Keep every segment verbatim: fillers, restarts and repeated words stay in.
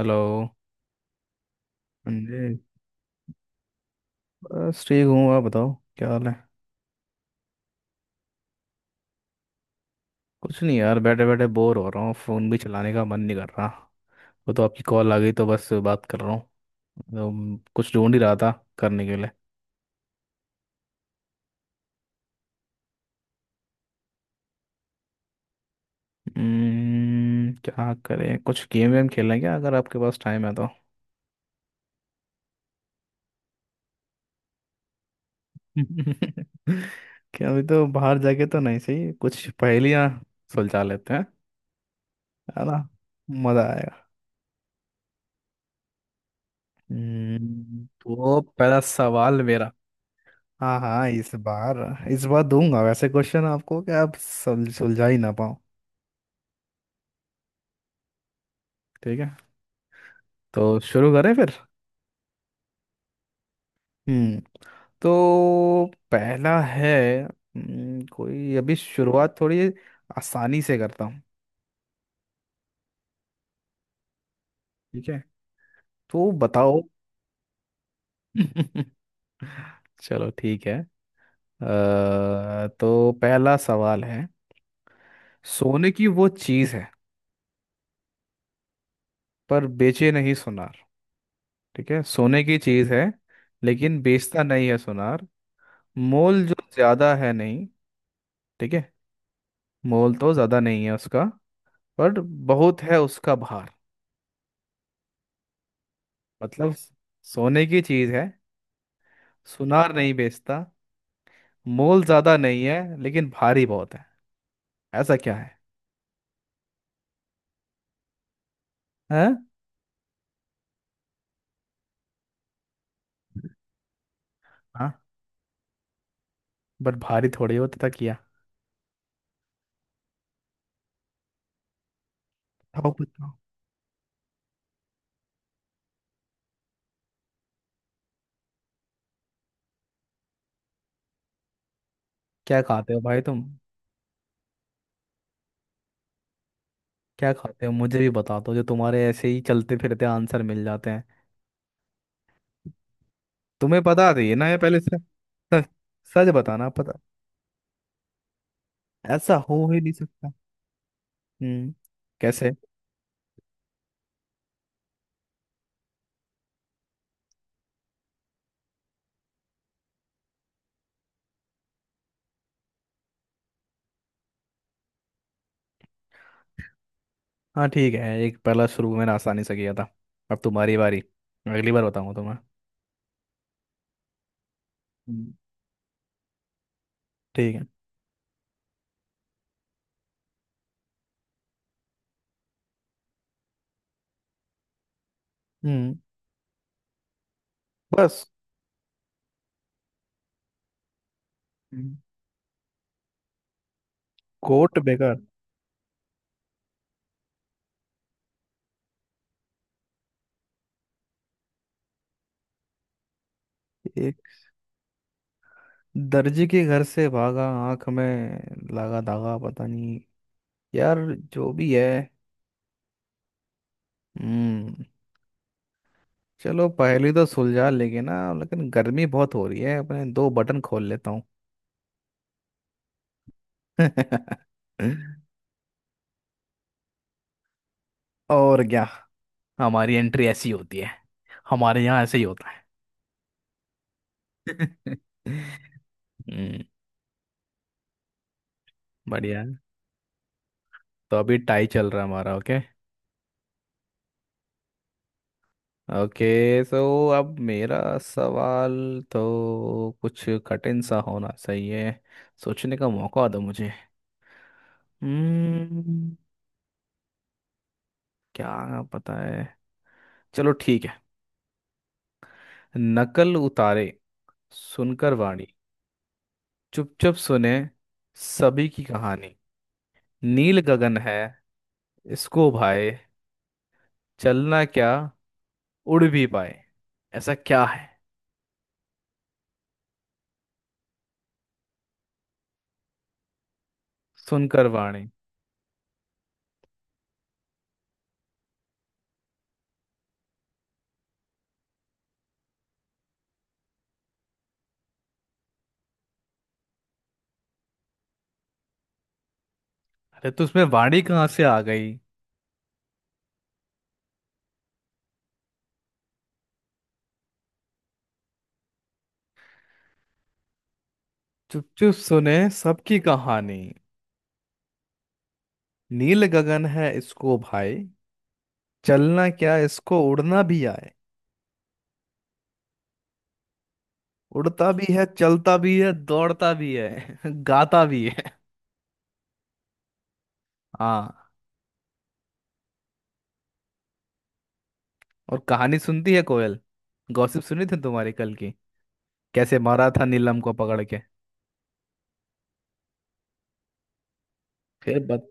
Hello. हाँ जी। बस ठीक हूँ, आप बताओ क्या हाल है। कुछ नहीं यार, बैठे बैठे बोर हो रहा हूँ, फ़ोन भी चलाने का मन नहीं कर रहा। वो तो आपकी कॉल आ गई तो बस बात कर रहा हूँ। तो कुछ ढूंढ ही रहा था करने के लिए। हम्म, क्या करें, कुछ गेम वेम खेलें क्या, अगर आपके पास टाइम है तो। क्या अभी तो बाहर जाके तो नहीं सही, कुछ पहेलियाँ सुलझा लेते हैं। है ना, मज़ा आएगा। हम्म, तो पहला सवाल मेरा। हाँ हाँ, इस बार। इस बार दूंगा वैसे क्वेश्चन आपको कि आप सुल- सुलझा ही ना पाओ। ठीक है, तो शुरू करें फिर। हम्म। तो पहला है। हम्म, कोई अभी शुरुआत थोड़ी आसानी से करता हूँ। ठीक है, तो बताओ। चलो ठीक है। अ, तो पहला सवाल है। सोने की वो चीज़ है पर बेचे नहीं सुनार। ठीक है, सोने की चीज़ है लेकिन बेचता नहीं है सुनार। मोल जो ज्यादा है नहीं। ठीक है। मोल तो ज्यादा नहीं है उसका, पर बहुत है उसका भार। मतलब सोने की चीज है, सुनार नहीं बेचता, मोल ज्यादा नहीं है लेकिन भारी बहुत है। ऐसा क्या है। हैं। हाँ। बट भारी थोड़ी होता था किया। बताओ बताओ। क्या खाते हो भाई तुम। क्या खाते हो, मुझे भी बता दो जो तुम्हारे ऐसे ही चलते फिरते आंसर मिल जाते हैं। तुम्हें पता थी ना ये पहले से, सच बताना पता। ऐसा हो ही नहीं सकता। हम्म। कैसे। हाँ ठीक है, एक पहला शुरू मैंने आसानी से किया था। अब तुम्हारी बारी। अगली बार बताऊंगा तुम्हें। हम्म, ठीक है। हम्म। बस। हम्म। कोट बेकार। एक दर्जी के घर से भागा, आंख में लगा धागा, पता नहीं यार, जो भी है। हम्म। चलो पहली तो सुलझा लेंगे ना, लेकिन गर्मी बहुत हो रही है, अपने दो बटन खोल लेता हूँ। और क्या, हमारी एंट्री ऐसी होती है, हमारे यहाँ ऐसे ही होता है। हम्म। बढ़िया। तो अभी टाई चल रहा है हमारा। ओके। ओके, सो अब मेरा सवाल। तो कुछ कठिन सा होना सही है, सोचने का मौका दो मुझे। हम्म। क्या पता है। चलो ठीक है। नकल उतारे सुनकर वाणी, चुपचाप सुने सभी की कहानी, नील गगन है इसको भाए, चलना क्या उड़ भी पाए। ऐसा क्या है। सुनकर वाणी। अरे, तो उसमें वाणी कहाँ से आ गई। चुप चुप सुने सबकी कहानी, नील गगन है इसको भाई, चलना क्या इसको उड़ना भी आए। उड़ता भी है, चलता भी है, दौड़ता भी है, गाता भी है। हाँ। और कहानी सुनती है कोयल। गॉसिप सुनी थी तुम्हारी कल की, कैसे मारा था नीलम को पकड़ के। फिर बत,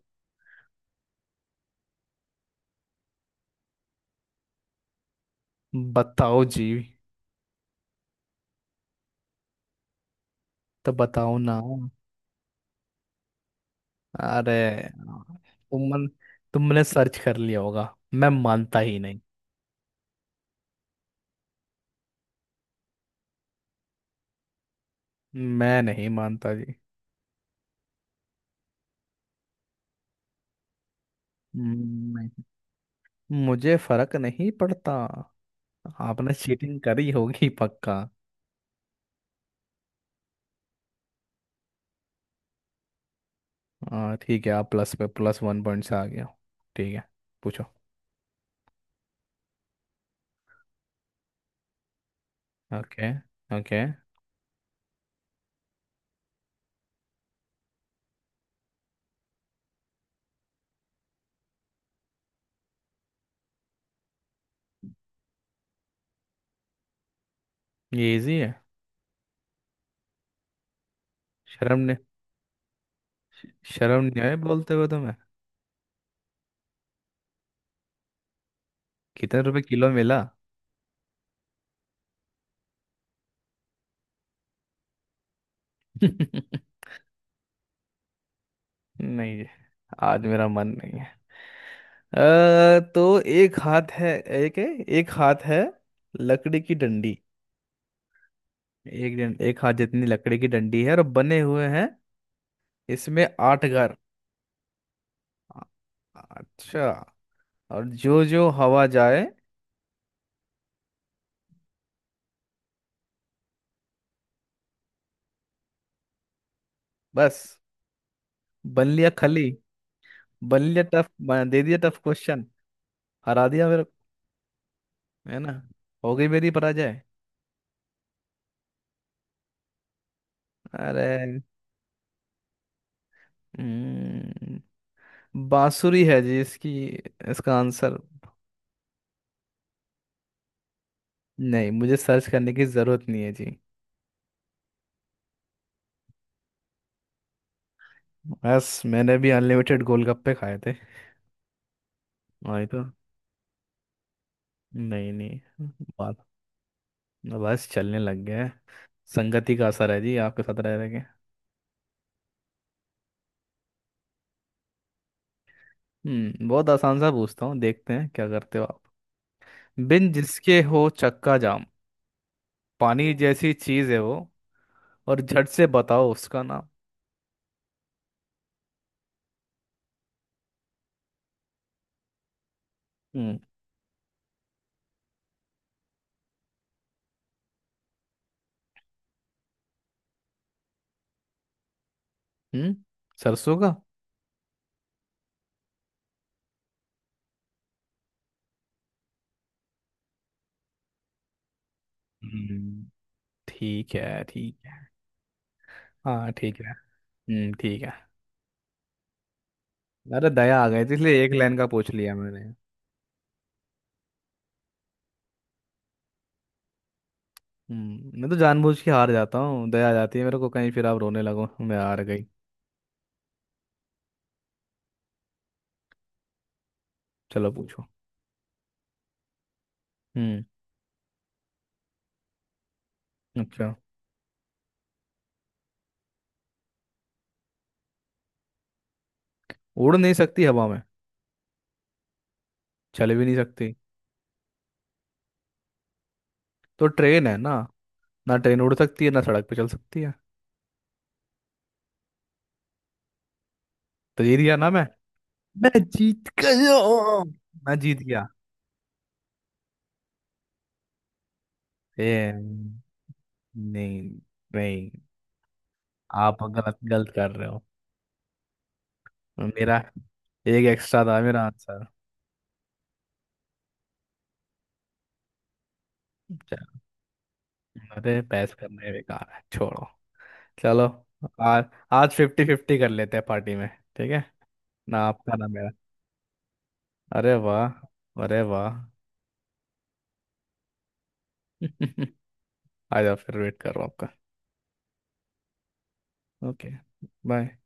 बताओ जी। तो बताओ ना। अरे, तुमन तुमने सर्च कर लिया होगा, मैं मानता ही नहीं। मैं नहीं मानता जी। हम्म, मुझे फर्क नहीं पड़ता। आपने चीटिंग करी होगी पक्का। हाँ ठीक है, आप प्लस पे प्लस वन पॉइंट से आ गया हो। ठीक है, पूछो। ओके। ओके। ये इजी है। शर्म ने शर्म नहीं आई बोलते हुए तुम्हें। कितने रुपए किलो मिला। नहीं जी, आज मेरा मन नहीं है। अ, तो एक हाथ है। एक है। एक हाथ है लकड़ी की डंडी। एक डं- एक हाथ जितनी लकड़ी की डंडी है, और बने हुए हैं इसमें आठ घर। अच्छा। और जो जो हवा जाए। बस। बन लिया खली। बन लिया टफ। दे दिया टफ क्वेश्चन। हरा दिया मेरे को, है ना, हो गई मेरी पराजय। अरे। हम्म, बांसुरी है जी इसकी, इसका आंसर। नहीं, मुझे सर्च करने की जरूरत नहीं है जी। बस मैंने भी अनलिमिटेड गोलगप्पे खाए थे। वही तो। नहीं नहीं। बात बस चलने लग गया है, संगति का असर है जी आपके साथ रह रहे। हम्म। बहुत आसान सा पूछता हूँ, देखते हैं क्या करते हो आप। बिन जिसके हो चक्का जाम, पानी जैसी चीज है वो, और झट से बताओ उसका नाम। हम्म। हम्म। सरसों का। हम्म, ठीक है ठीक है। हाँ ठीक है। हम्म, ठीक है। अरे, दया आ गई थी इसलिए एक लाइन का पूछ लिया मैंने। हम्म। मैं तो जानबूझ के हार जाता हूँ, दया आ जाती है मेरे को, कहीं फिर आप रोने लगो मैं हार गई। चलो पूछो। हम्म। अच्छा। उड़ नहीं सकती हवा में, चल भी नहीं सकती। तो ट्रेन है ना, ना ट्रेन उड़ सकती है ना सड़क पे चल सकती है। तो जीत गया ना मैं। मैं जीत गया। मैं जीत गया। ए, नहीं नहीं। आप गलत गलत कर रहे हो। मेरा एक एक्स्ट्रा था मेरा आंसर। चलो, अरे बहस करने बेकार है, छोड़ो। चलो। आज आज फिफ्टी फिफ्टी कर लेते हैं पार्टी में। ठीक है, ना आपका ना मेरा। अरे वाह। अरे वाह। आ जाओ, फिर वेट कर रहा हूँ आपका। ओके। बाय।